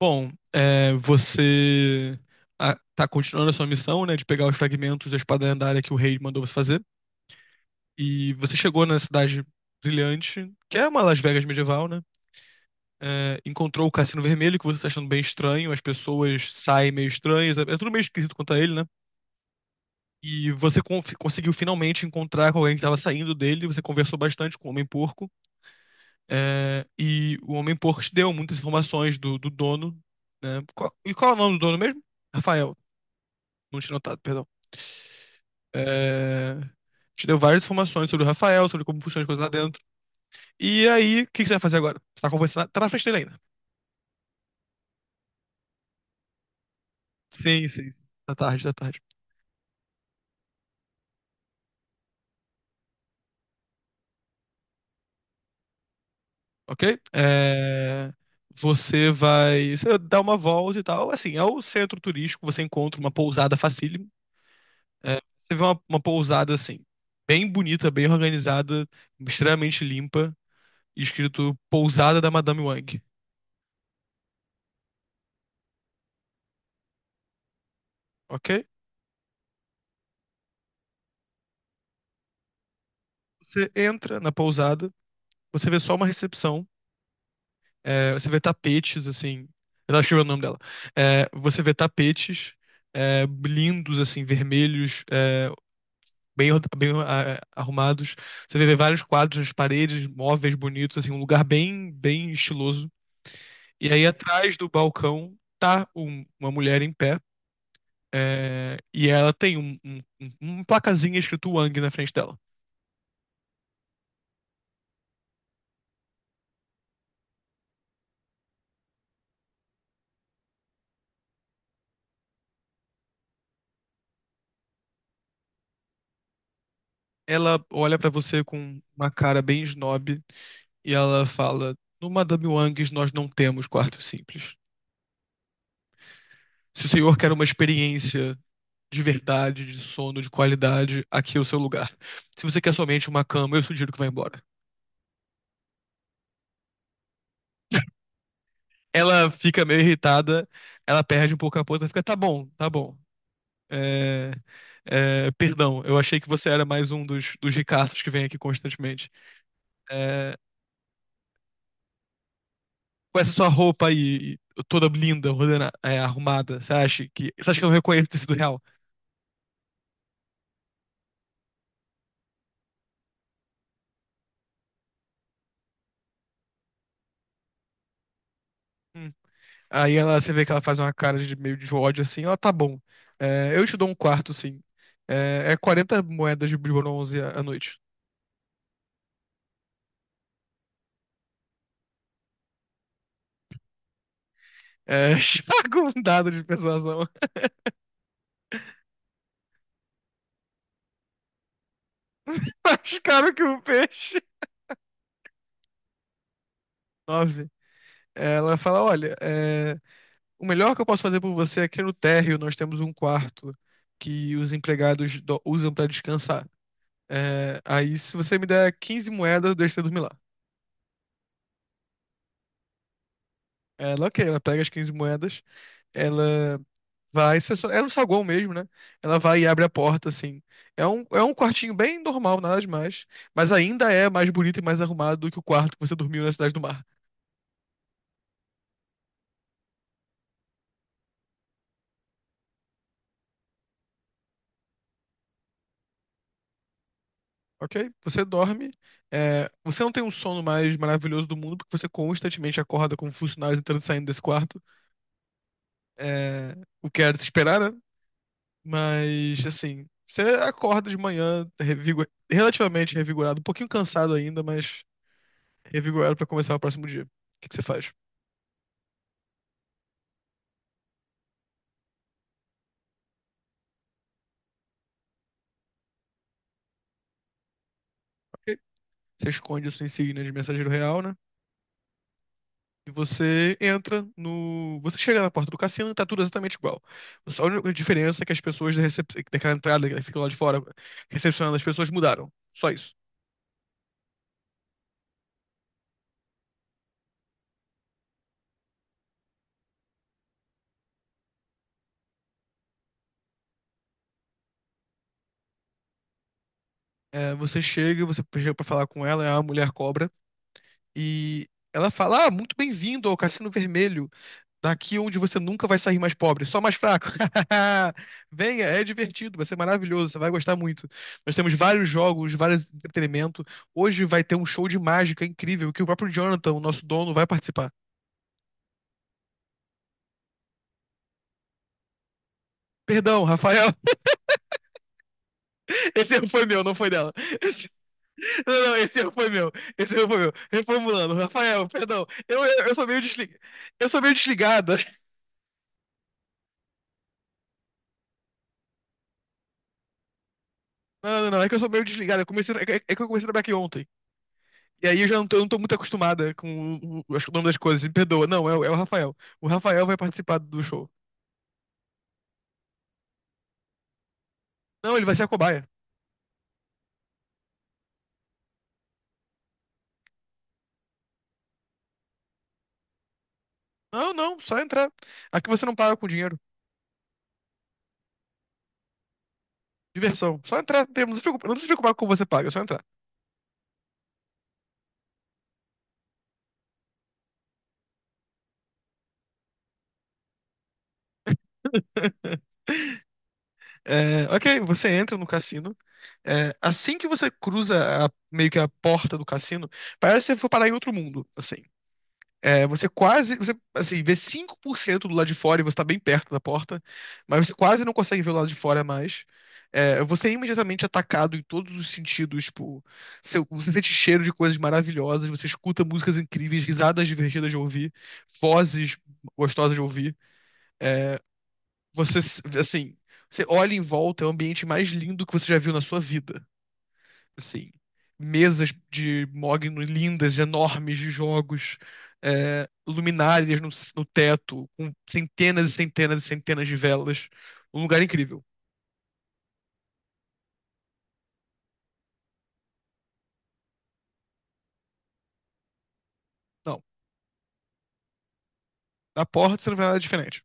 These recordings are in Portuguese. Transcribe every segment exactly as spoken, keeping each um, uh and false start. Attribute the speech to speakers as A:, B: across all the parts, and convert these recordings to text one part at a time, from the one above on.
A: Bom, é, você ah, tá continuando a sua missão, né, de pegar os fragmentos da espada lendária que o rei mandou você fazer. E você chegou na cidade brilhante, que é uma Las Vegas medieval, né? É, encontrou o Cassino Vermelho, que você tá achando bem estranho, as pessoas saem meio estranhas, é é tudo meio esquisito quanto a ele, né? E você con- conseguiu finalmente encontrar com alguém que estava saindo dele, você conversou bastante com o Homem-Porco, é, e o Homem-Porco te deu muitas informações do, do dono, né? Qual- e qual é o nome do dono mesmo? Rafael. Não tinha notado, perdão. É... Te deu várias informações sobre o Rafael, sobre como funciona as coisas lá dentro. E aí, o que que você vai fazer agora? Você tá conversando. Tá na frente dele ainda. Sim, sim, sim. Da tarde, da tarde. Ok? É... Você vai. Você dá uma volta e tal. Assim, é o centro turístico, você encontra uma pousada facílimo. É, você vê uma, uma pousada assim, bem bonita, bem organizada, extremamente limpa, escrito Pousada da Madame Wang. Ok? Você entra na pousada, você vê só uma recepção. É, você vê tapetes, assim. Eu tava escrevendo o nome dela. É, você vê tapetes é, lindos, assim, vermelhos, é, bem, or- bem ah, arrumados. Você vê vários quadros nas paredes, móveis bonitos, assim, um lugar bem, bem estiloso. E aí, atrás do balcão, tá um- uma mulher em pé. É, e ela tem um, um, um- uma placazinha escrito Wang na frente dela. Ela olha pra você com uma cara bem snob e ela fala: No Madame Wangs nós não temos quartos simples. Se o senhor quer uma experiência de verdade, de sono, de qualidade, aqui é o seu lugar. Se você quer somente uma cama, eu sugiro que vá embora. Ela fica meio irritada, ela perde um pouco a ponta, fica, tá bom, tá bom. É, é, perdão, eu achei que você era mais um dos, dos ricaços que vem aqui constantemente. É, com essa sua roupa aí, toda linda, ordena- é, arrumada, você acha que. Você acha que eu não reconheço o tecido real? Hum. Aí ela, você vê que ela faz uma cara de meio de ódio assim, ó, tá bom. É, eu te dou um quarto, sim. É, é quarenta moedas de bronze à à noite. É, joga um dado de persuasão. Mais caro que um peixe. Nove. Ela fala, olha, é, o melhor que eu posso fazer por você é que no térreo nós temos um quarto que os empregados do- usam pra descansar. É, aí se você me der quinze moedas, eu deixo você dormir lá. Ela, ok, ela pega as quinze moedas, ela vai, isso é só- era um saguão mesmo, né? Ela vai e abre a porta, assim. É um, é um quartinho bem normal, nada demais. Mas ainda é mais bonito e mais arrumado do que o quarto que você dormiu na Cidade do Mar, ok? Você dorme, é, você não tem um sono mais maravilhoso do mundo, porque você constantemente acorda com funcionários entrando e saindo desse quarto. É, o que era de se esperar, né? Mas, assim, você acorda de manhã revigo- relativamente revigorado, um pouquinho cansado ainda, mas revigorado pra começar o próximo dia. O que que você faz? Ok? Você esconde a sua insígnia de mensageiro real, né? E você entra no. Você chega na porta do cassino e tá tudo exatamente igual. Só a única diferença é que as pessoas da recep... daquela entrada que ficam lá de fora recepcionando as pessoas mudaram. Só isso. É, você chega, você chega pra falar com ela, é a mulher cobra, e ela fala: Ah, muito bem-vindo ao Cassino Vermelho. Daqui onde você nunca vai sair mais pobre, só mais fraco. Venha, é divertido, vai ser maravilhoso, você vai gostar muito. Nós temos vários jogos, vários entretenimento. Hoje vai ter um show de mágica incrível que o próprio Jonathan, o nosso dono, vai participar. Perdão, Rafael. Esse erro foi meu, não foi dela. Esse- Não, não, esse erro foi meu. Esse erro foi meu. Reformulando, Rafael, perdão. Eu, eu, eu sou meio desligada. Eu sou meio desligada. Não, não, não. É que eu sou meio desligada. Eu comecei, é que é que eu comecei a trabalhar aqui ontem. E aí eu já não tô, eu não tô muito acostumada com o, o- acho que o nome das coisas. Me perdoa. Não, é, o- é o Rafael. O Rafael vai participar do show. Não, ele vai ser a cobaia. Não, não, só entrar. Aqui você não paga com dinheiro. Diversão. Só entrar. Não se preocupa, não se preocupar com o que você paga, é só entrar. É, ok, você entra no cassino. É, assim que você cruza a- meio que a porta do cassino, parece que você for parar em outro mundo, assim. É, você quase, você, assim, vê cinco por cento do lado de fora e você tá bem perto da porta, mas você quase não consegue ver o lado de fora mais. É, você é imediatamente atacado em todos os sentidos, tipo, seu- você sente cheiro de coisas maravilhosas, você escuta músicas incríveis, risadas divertidas de ouvir, vozes gostosas de ouvir. É, você, assim, você olha em volta, é o ambiente mais lindo que você já viu na sua vida. Sim. Mesas de mogno lindas, enormes de jogos, é, luminárias no, no teto, com centenas e centenas e centenas de velas. Um lugar incrível. Não, na porta você não vê nada diferente.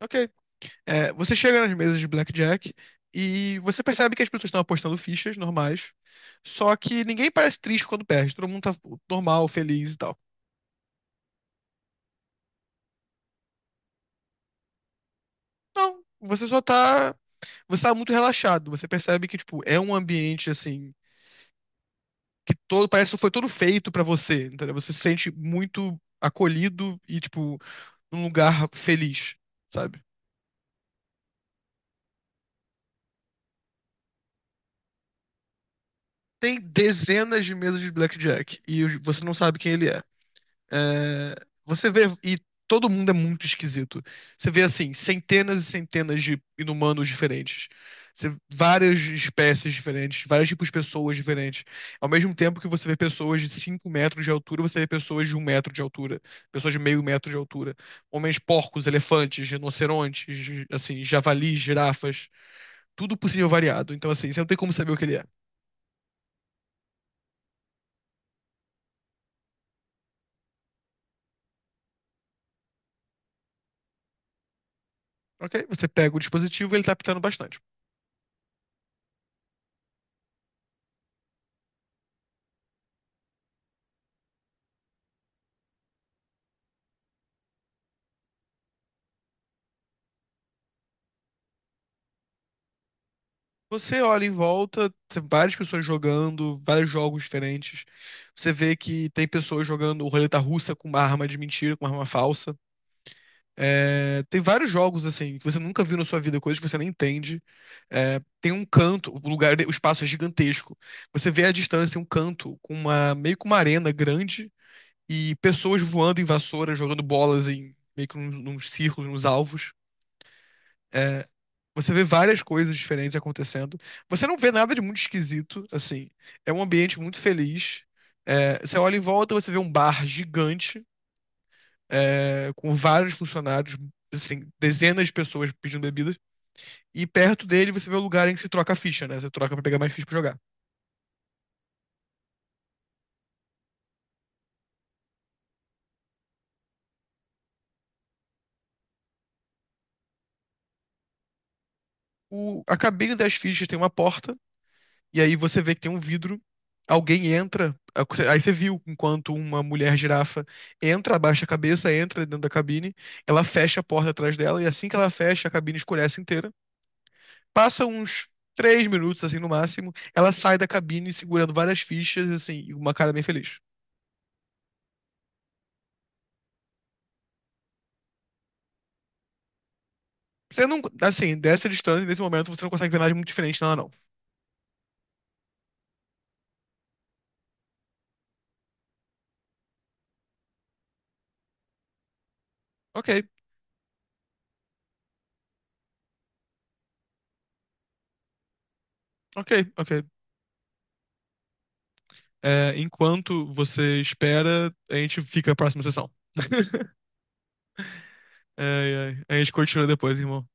A: Ok. É, você chega nas mesas de blackjack e você percebe que as pessoas estão apostando fichas normais, só que ninguém parece triste quando perde. Todo mundo tá normal, feliz e tal. Não, você só tá. Você tá muito relaxado. Você percebe que, tipo, é um ambiente assim que todo, parece que foi todo feito pra você, entendeu? Você se sente muito acolhido e, tipo, num lugar feliz, sabe? Tem dezenas de mesas de blackjack e você não sabe quem ele é. É, você vê, e todo mundo é muito esquisito. Você vê, assim, centenas e centenas de inumanos diferentes. Você- várias espécies diferentes, vários tipos de pessoas diferentes. Ao mesmo tempo que você vê pessoas de cinco metros de altura, você vê pessoas de um metro de altura, pessoas de meio metro de altura. Homens porcos, elefantes, rinocerontes, assim, javalis, girafas, tudo possível variado. Então, assim, você não tem como saber o que ele é. Ok? Você pega o dispositivo e ele tá apitando bastante. Você olha em volta, tem várias pessoas jogando, vários jogos diferentes. Você vê que tem pessoas jogando roleta russa com uma arma de mentira, com uma arma falsa. É, tem vários jogos assim que você nunca viu na sua vida, coisas que você nem entende. É, tem um canto, o lugar, o espaço é gigantesco. Você vê à distância um canto com uma meio que uma arena grande e pessoas voando em vassoura, jogando bolas em meio que num- nos círculos, nos alvos. Você vê várias coisas diferentes acontecendo. Você não vê nada de muito esquisito, assim. É um ambiente muito feliz. É, você olha em volta, você vê um bar gigante, é, com vários funcionários, assim, dezenas de pessoas pedindo bebidas. E perto dele você vê o lugar em que se troca a ficha, né? Você troca pra pegar mais ficha pra jogar. O, a cabine das fichas tem uma porta. E aí você vê que tem um vidro, alguém entra, aí você viu enquanto uma mulher girafa entra, abaixa a cabeça, entra dentro da cabine, ela fecha a porta atrás dela, e assim que ela fecha, a cabine escurece inteira. Passa uns três minutos, assim, no máximo, ela sai da cabine segurando várias fichas, assim, e uma cara bem feliz. Você não, assim, dessa distância, nesse momento, você não consegue ver nada de muito diferente nela, não. Ok, ok, ok. É, enquanto você espera, a gente fica na próxima sessão. É, é, a gente continua depois, irmão.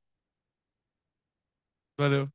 A: Valeu.